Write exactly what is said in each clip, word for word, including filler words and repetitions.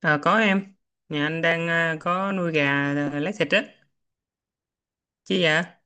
Ờ, có em, nhà anh đang ờ, có nuôi gà ờ, lấy thịt á, chứ dạ.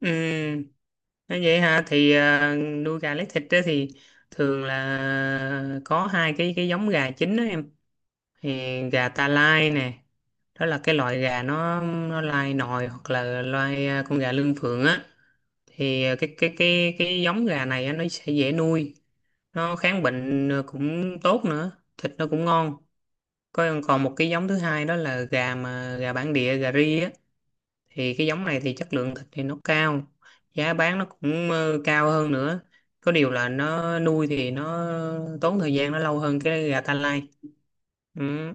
Ừ, nói vậy hả, thì ờ, nuôi gà lấy thịt á thì thường là ờ, có hai cái cái giống gà chính đó em. Thì gà ta lai nè, đó là cái loại gà nó nó lai nòi hoặc là loại ờ, con gà lương phượng á. Thì ờ, cái cái cái cái giống gà này á, nó sẽ dễ nuôi, nó kháng bệnh ờ, cũng tốt nữa, thịt nó cũng ngon. Có còn một cái giống thứ hai đó là gà mà gà bản địa gà ri á, thì cái giống này thì chất lượng thịt thì nó cao, giá bán nó cũng ờ, cao hơn nữa, có điều là nó nuôi thì nó tốn thời gian nó lâu hơn cái gà ta lai, ừ.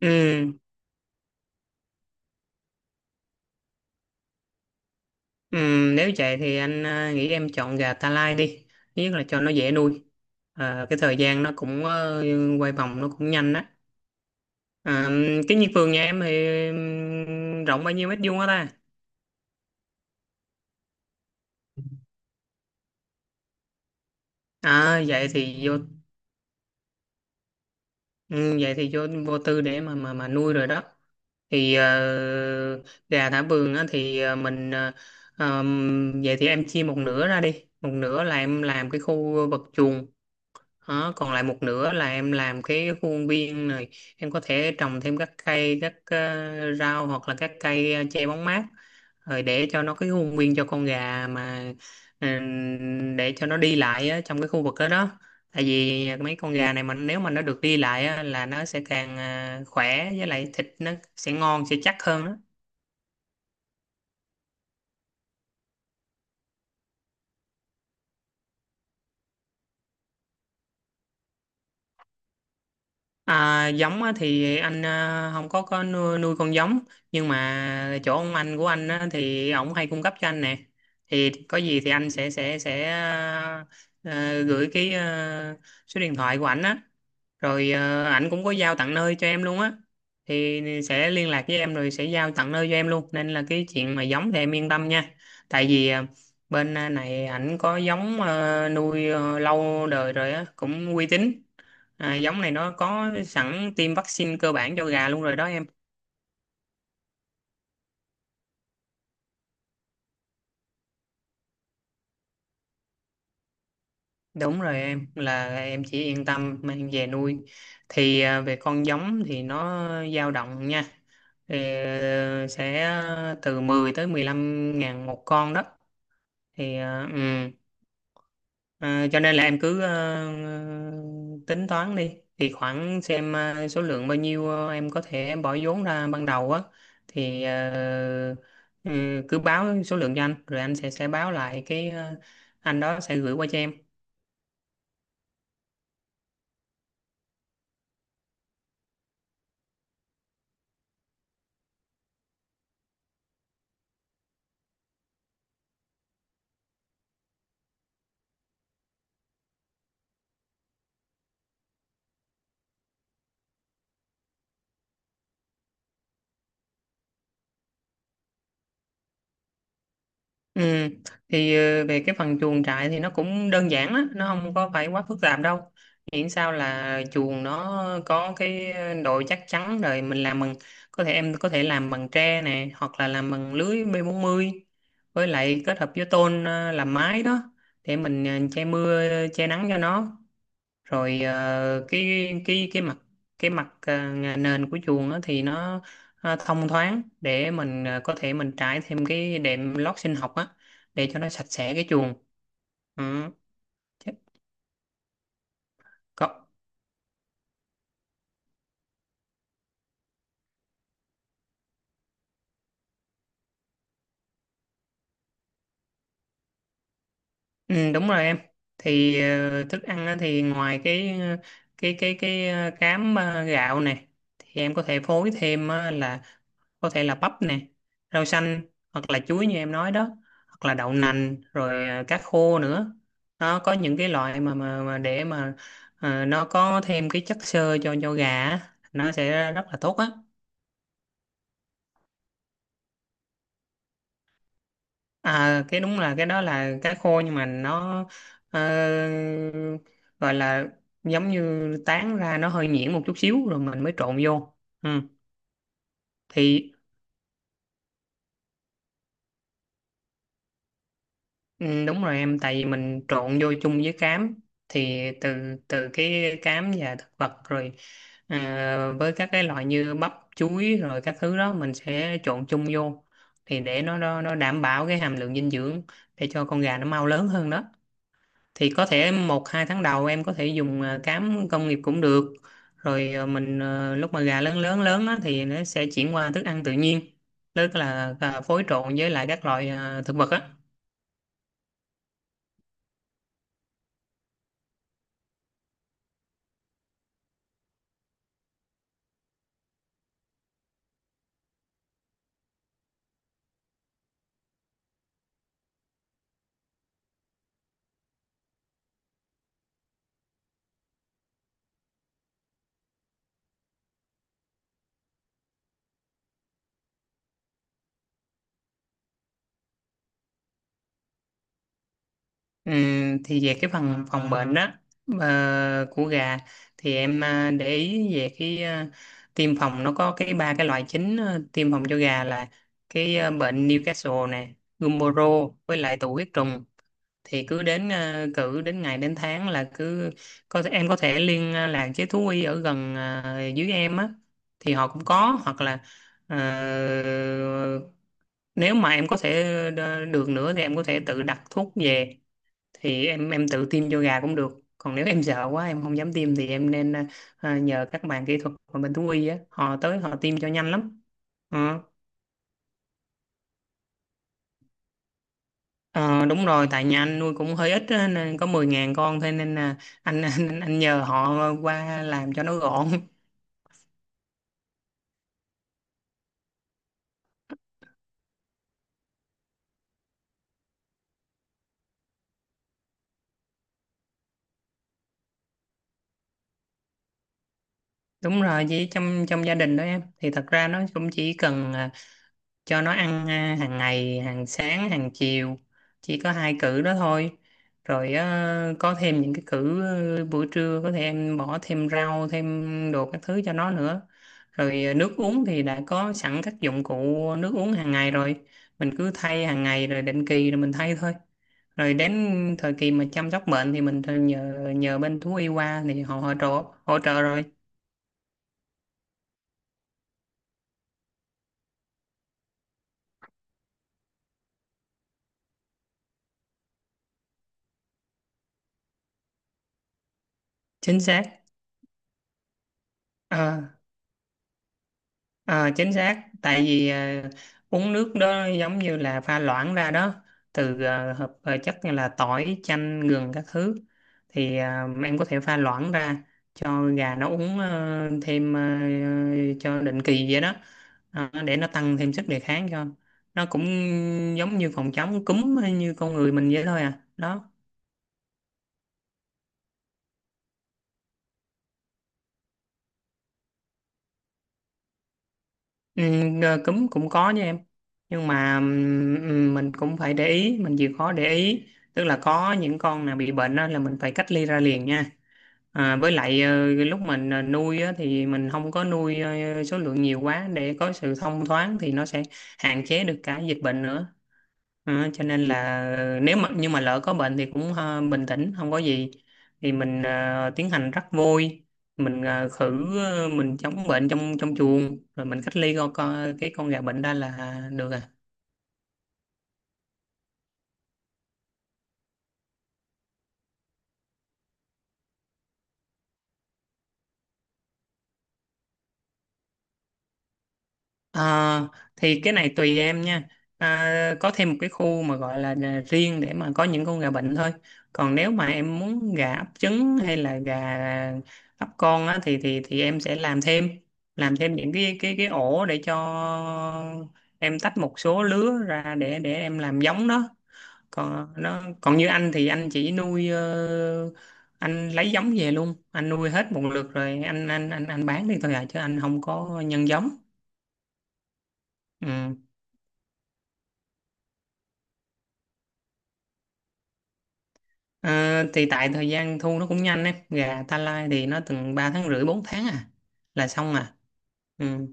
Ừ. Ừ. Nếu vậy thì anh ờ, nghĩ em chọn gà ta lai đi, thứ nhất là cho nó dễ nuôi. Ờ, cái thời gian nó cũng ờ, quay vòng nó cũng nhanh á. Ờ, cái vườn nhà em thì ừm, rộng bao nhiêu mét vuông á ta? À vậy thì vô Ừ, vậy thì vô vô tư để mà mà mà nuôi rồi đó. Thì ờ, gà thả vườn á thì ờ, mình ờ, ờm, vậy thì em chia một nửa ra đi, một nửa là em làm cái khu vực chuồng, đó, còn lại một nửa là em làm cái khu công viên này. Em có thể trồng thêm các cây, các ờ, rau, hoặc là các cây ờ, che bóng mát, rồi để cho nó cái khu công viên cho con gà mà, ừ, để cho nó đi lại á, trong cái khu vực đó đó. Tại vì mấy con gà này mà nếu mà nó được đi lại á, là nó sẽ càng ờ, khỏe, với lại thịt nó sẽ ngon, sẽ chắc hơn đó. À, giống á, thì anh à, không có có nuôi, nuôi con giống, nhưng mà chỗ ông anh của anh á, thì ổng hay cung cấp cho anh nè. Thì có gì thì anh sẽ sẽ sẽ à, à, gửi cái à, số điện thoại của ảnh á, rồi ờ, ảnh cũng có giao tận nơi cho em luôn á, thì sẽ liên lạc với em rồi sẽ giao tận nơi cho em luôn, nên là cái chuyện mà giống thì em yên tâm nha. Tại vì ờ, bên ờ, này ảnh có giống ờ, nuôi ờ, lâu đời rồi á, cũng uy tín. À, giống này nó có sẵn tiêm vaccine cơ bản cho gà luôn rồi đó em. Đúng rồi em, là em chỉ yên tâm mang về nuôi. Thì à, về con giống thì nó dao động nha, thì ờ, sẽ từ mười tới mười lăm ngàn một con đó. Thì ờ, ừ. Ờ, cho nên là em cứ ờ, tính toán đi, thì khoảng xem ờ, số lượng bao nhiêu, ờ, em có thể em bỏ vốn ra ban đầu á, thì ờ, ừ, cứ báo số lượng cho anh, rồi anh sẽ sẽ báo lại cái ờ, anh đó sẽ gửi qua cho em. Ừ, thì ờ, về cái phần chuồng trại thì nó cũng đơn giản á, nó không có phải quá phức tạp đâu. Miễn sao là chuồng nó có cái độ chắc chắn, rồi mình làm bằng có thể em có thể làm bằng tre nè, hoặc là làm bằng lưới b mươi, với lại kết hợp với tôn ờ, làm mái đó, để mình ờ, che mưa che nắng cho nó, rồi ờ, cái cái cái mặt cái mặt ờ, nhà nền của chuồng đó thì nó ờ, thông thoáng, để mình ờ, có thể mình trải thêm cái đệm lót sinh học á, để cho nó sạch sẽ cái chuồng, ừ. chứ- có- ừ, đúng rồi em. Thì ờ, thức ăn á, thì ngoài cái ờ, cái cái cái ờ, cám ờ, gạo này, thì em có thể phối thêm á, là có thể là bắp nè, rau xanh, hoặc là chuối như em nói đó, hoặc là đậu nành, rồi à, cá khô nữa. Nó có những cái loại mà mà, mà để mà à, nó có thêm cái chất xơ cho cho gà á, nó sẽ rất là tốt á. À, cái đúng là cái đó là cá khô, nhưng mà nó ờ, gọi là giống như tán ra nó hơi nhuyễn một chút xíu, rồi mình mới trộn vô, ừ. thì Ừ, đúng rồi em, tại vì mình trộn vô chung với cám. Thì từ từ cái cám và thực vật, rồi ờ, với các cái loại như bắp chuối rồi các thứ đó mình sẽ trộn chung vô, thì để nó nó, nó đảm bảo cái hàm lượng dinh dưỡng để cho con gà nó mau lớn hơn đó. Thì có thể một hai tháng đầu em có thể dùng ờ, cám công nghiệp cũng được, rồi ờ, mình ờ, lúc mà gà lớn lớn lớn á, thì nó sẽ chuyển qua thức ăn tự nhiên, tức là ờ, phối trộn với lại các loại ờ, thực vật á. Ừm, thì về cái phần phòng bệnh đó, ờ, của gà, thì em ờ, để ý về cái ờ, tiêm phòng nó có cái ba cái loại chính, ờ, tiêm phòng cho gà là cái ờ, bệnh Newcastle này, Gumboro với lại tụ huyết trùng. Thì cứ đến ờ, cử đến ngày đến tháng là cứ có em có thể liên ờ, lạc với thú y ở gần ờ, dưới em á, thì họ cũng có, hoặc là ờ, nếu mà em có thể ờ, đ- được nữa thì em có thể tự đặt thuốc về, thì em em tự tiêm cho gà cũng được, còn nếu em sợ quá em không dám tiêm thì em nên à, nhờ các bạn kỹ thuật ở bên thú y á, họ tới họ tiêm cho nhanh lắm. Ờ. Ờ, đúng rồi, tại nhà anh nuôi cũng hơi ít á, nên có mười ngàn con thôi, nên là anh, anh anh nhờ họ qua làm cho nó gọn đúng rồi, chỉ trong trong gia đình đó em, thì thật ra nó cũng chỉ cần ờ, cho nó ăn, à, hàng ngày, hàng sáng hàng chiều, chỉ có hai cữ đó thôi. Rồi ờ, có thêm những cái cữ ờ, buổi trưa có thể em bỏ thêm rau, thêm đồ các thứ cho nó nữa. Rồi ờ, nước uống thì đã có sẵn các dụng cụ nước uống hàng ngày rồi, mình cứ thay hàng ngày, rồi định kỳ rồi mình thay thôi. Rồi đến thời kỳ mà chăm sóc bệnh thì mình nhờ nhờ bên thú y qua thì họ hỗ trợ hỗ trợ rồi. Chính xác. Ờ, Ờ, chính xác, tại vì ờ, uống nước đó giống như là pha loãng ra đó, từ ờ, hợp ờ, chất như là tỏi chanh gừng các thứ. Thì ờ, em có thể pha loãng ra cho gà nó uống, ờ, thêm ờ, cho định kỳ vậy đó. Ờ, để nó tăng thêm sức đề kháng cho nó, cũng giống như phòng chống cúm hay như con người mình vậy thôi à đó. Ừ, ờ, cúm cũng có nha em, nhưng mà ừm, mình cũng phải để ý, mình chịu khó để ý, tức là có những con nào bị bệnh á, là mình phải cách ly ra liền nha. À, với lại ờ, lúc mình ờ, nuôi á, thì mình không có nuôi ờ, số lượng nhiều quá, để có sự thông thoáng thì nó sẽ hạn chế được cả dịch bệnh nữa. Đó, cho nên là nếu mà nhưng mà lỡ có bệnh thì cũng ờ, bình tĩnh không có gì, thì mình ờ, tiến hành rắc vôi, mình ờ, khử ờ, mình chống bệnh trong trong chuồng, rồi mình cách ly con, con cái con gà bệnh ra là được à. Ờ, thì cái này tùy em nha. À, có thêm một cái khu mà gọi là là riêng để mà có những con gà bệnh thôi, còn nếu mà em muốn gà ấp trứng hay là gà ấp con á, thì thì thì em sẽ làm thêm làm thêm những cái cái cái ổ để cho em tách một số lứa ra để để em làm giống nó, còn nó còn như anh thì anh chỉ nuôi ờ, anh lấy giống về luôn, anh nuôi hết một lượt, rồi anh anh anh anh bán đi thôi à, chứ anh không có nhân giống, ừ. Ờ, thì tại thời gian thu nó cũng nhanh ấy, gà ta lai thì nó từng ba tháng rưỡi, bốn tháng à là xong à, ừ.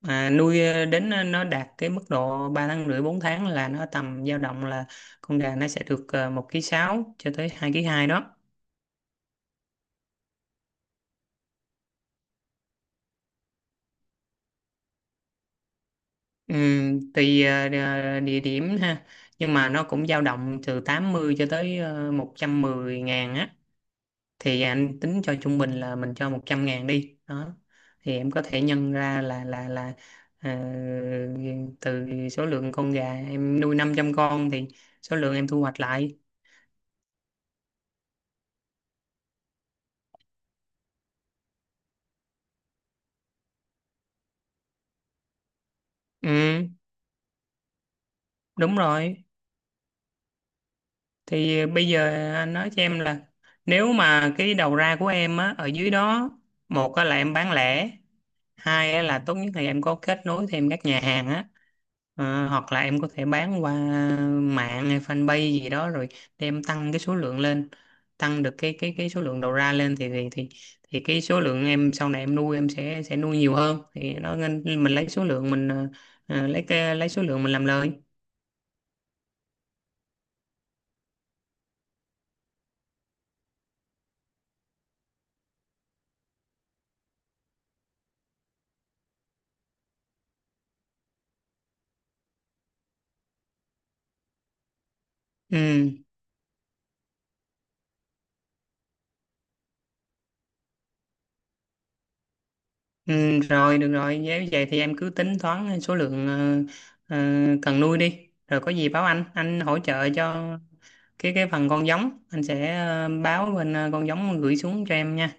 Mà nuôi ờ, đến nó nó đạt cái mức độ ba tháng rưỡi, bốn tháng, là nó tầm dao động là con gà nó sẽ được ờ, một ký sáu cho tới hai ký hai đó. Ừ. Tùy ờ, địa địa điểm ha, nhưng mà nó cũng dao động từ tám mươi cho tới ờ, một trăm mười ngàn á. Thì anh tính cho trung bình là mình cho một trăm ngàn đi đó, thì em có thể nhân ra là là là ờ, từ số lượng con gà em nuôi năm trăm con, thì số lượng em thu hoạch lại. Ừ, đúng rồi. Thì ờ, bây giờ anh nói cho em là nếu mà cái đầu ra của em á, ở dưới đó, một á là em bán lẻ, hai á là tốt nhất là em có kết nối thêm các nhà hàng á. Ờ, hoặc là em có thể bán qua mạng hay fanpage gì đó, rồi để em tăng cái số lượng lên, tăng được cái cái cái số lượng đầu ra lên, thì thì thì thì cái số lượng em sau này em nuôi em sẽ sẽ nuôi nhiều hơn, thì nó nên mình lấy số lượng mình ờ, ờ, lấy cái lấy số lượng mình làm lời. Ừ. Ừ, rồi được rồi, nếu vậy thì em cứ tính toán số lượng ờ, ờ, cần nuôi đi, rồi có gì báo anh anh hỗ trợ cho cái cái phần con giống, anh sẽ ờ, báo bên ờ, con giống gửi xuống cho em nha.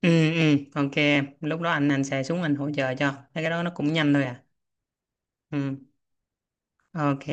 Ừ, ừ, ok em, lúc đó anh anh sẽ xuống anh hỗ trợ cho. Mấy cái đó nó cũng nhanh thôi à. Ừ, ok.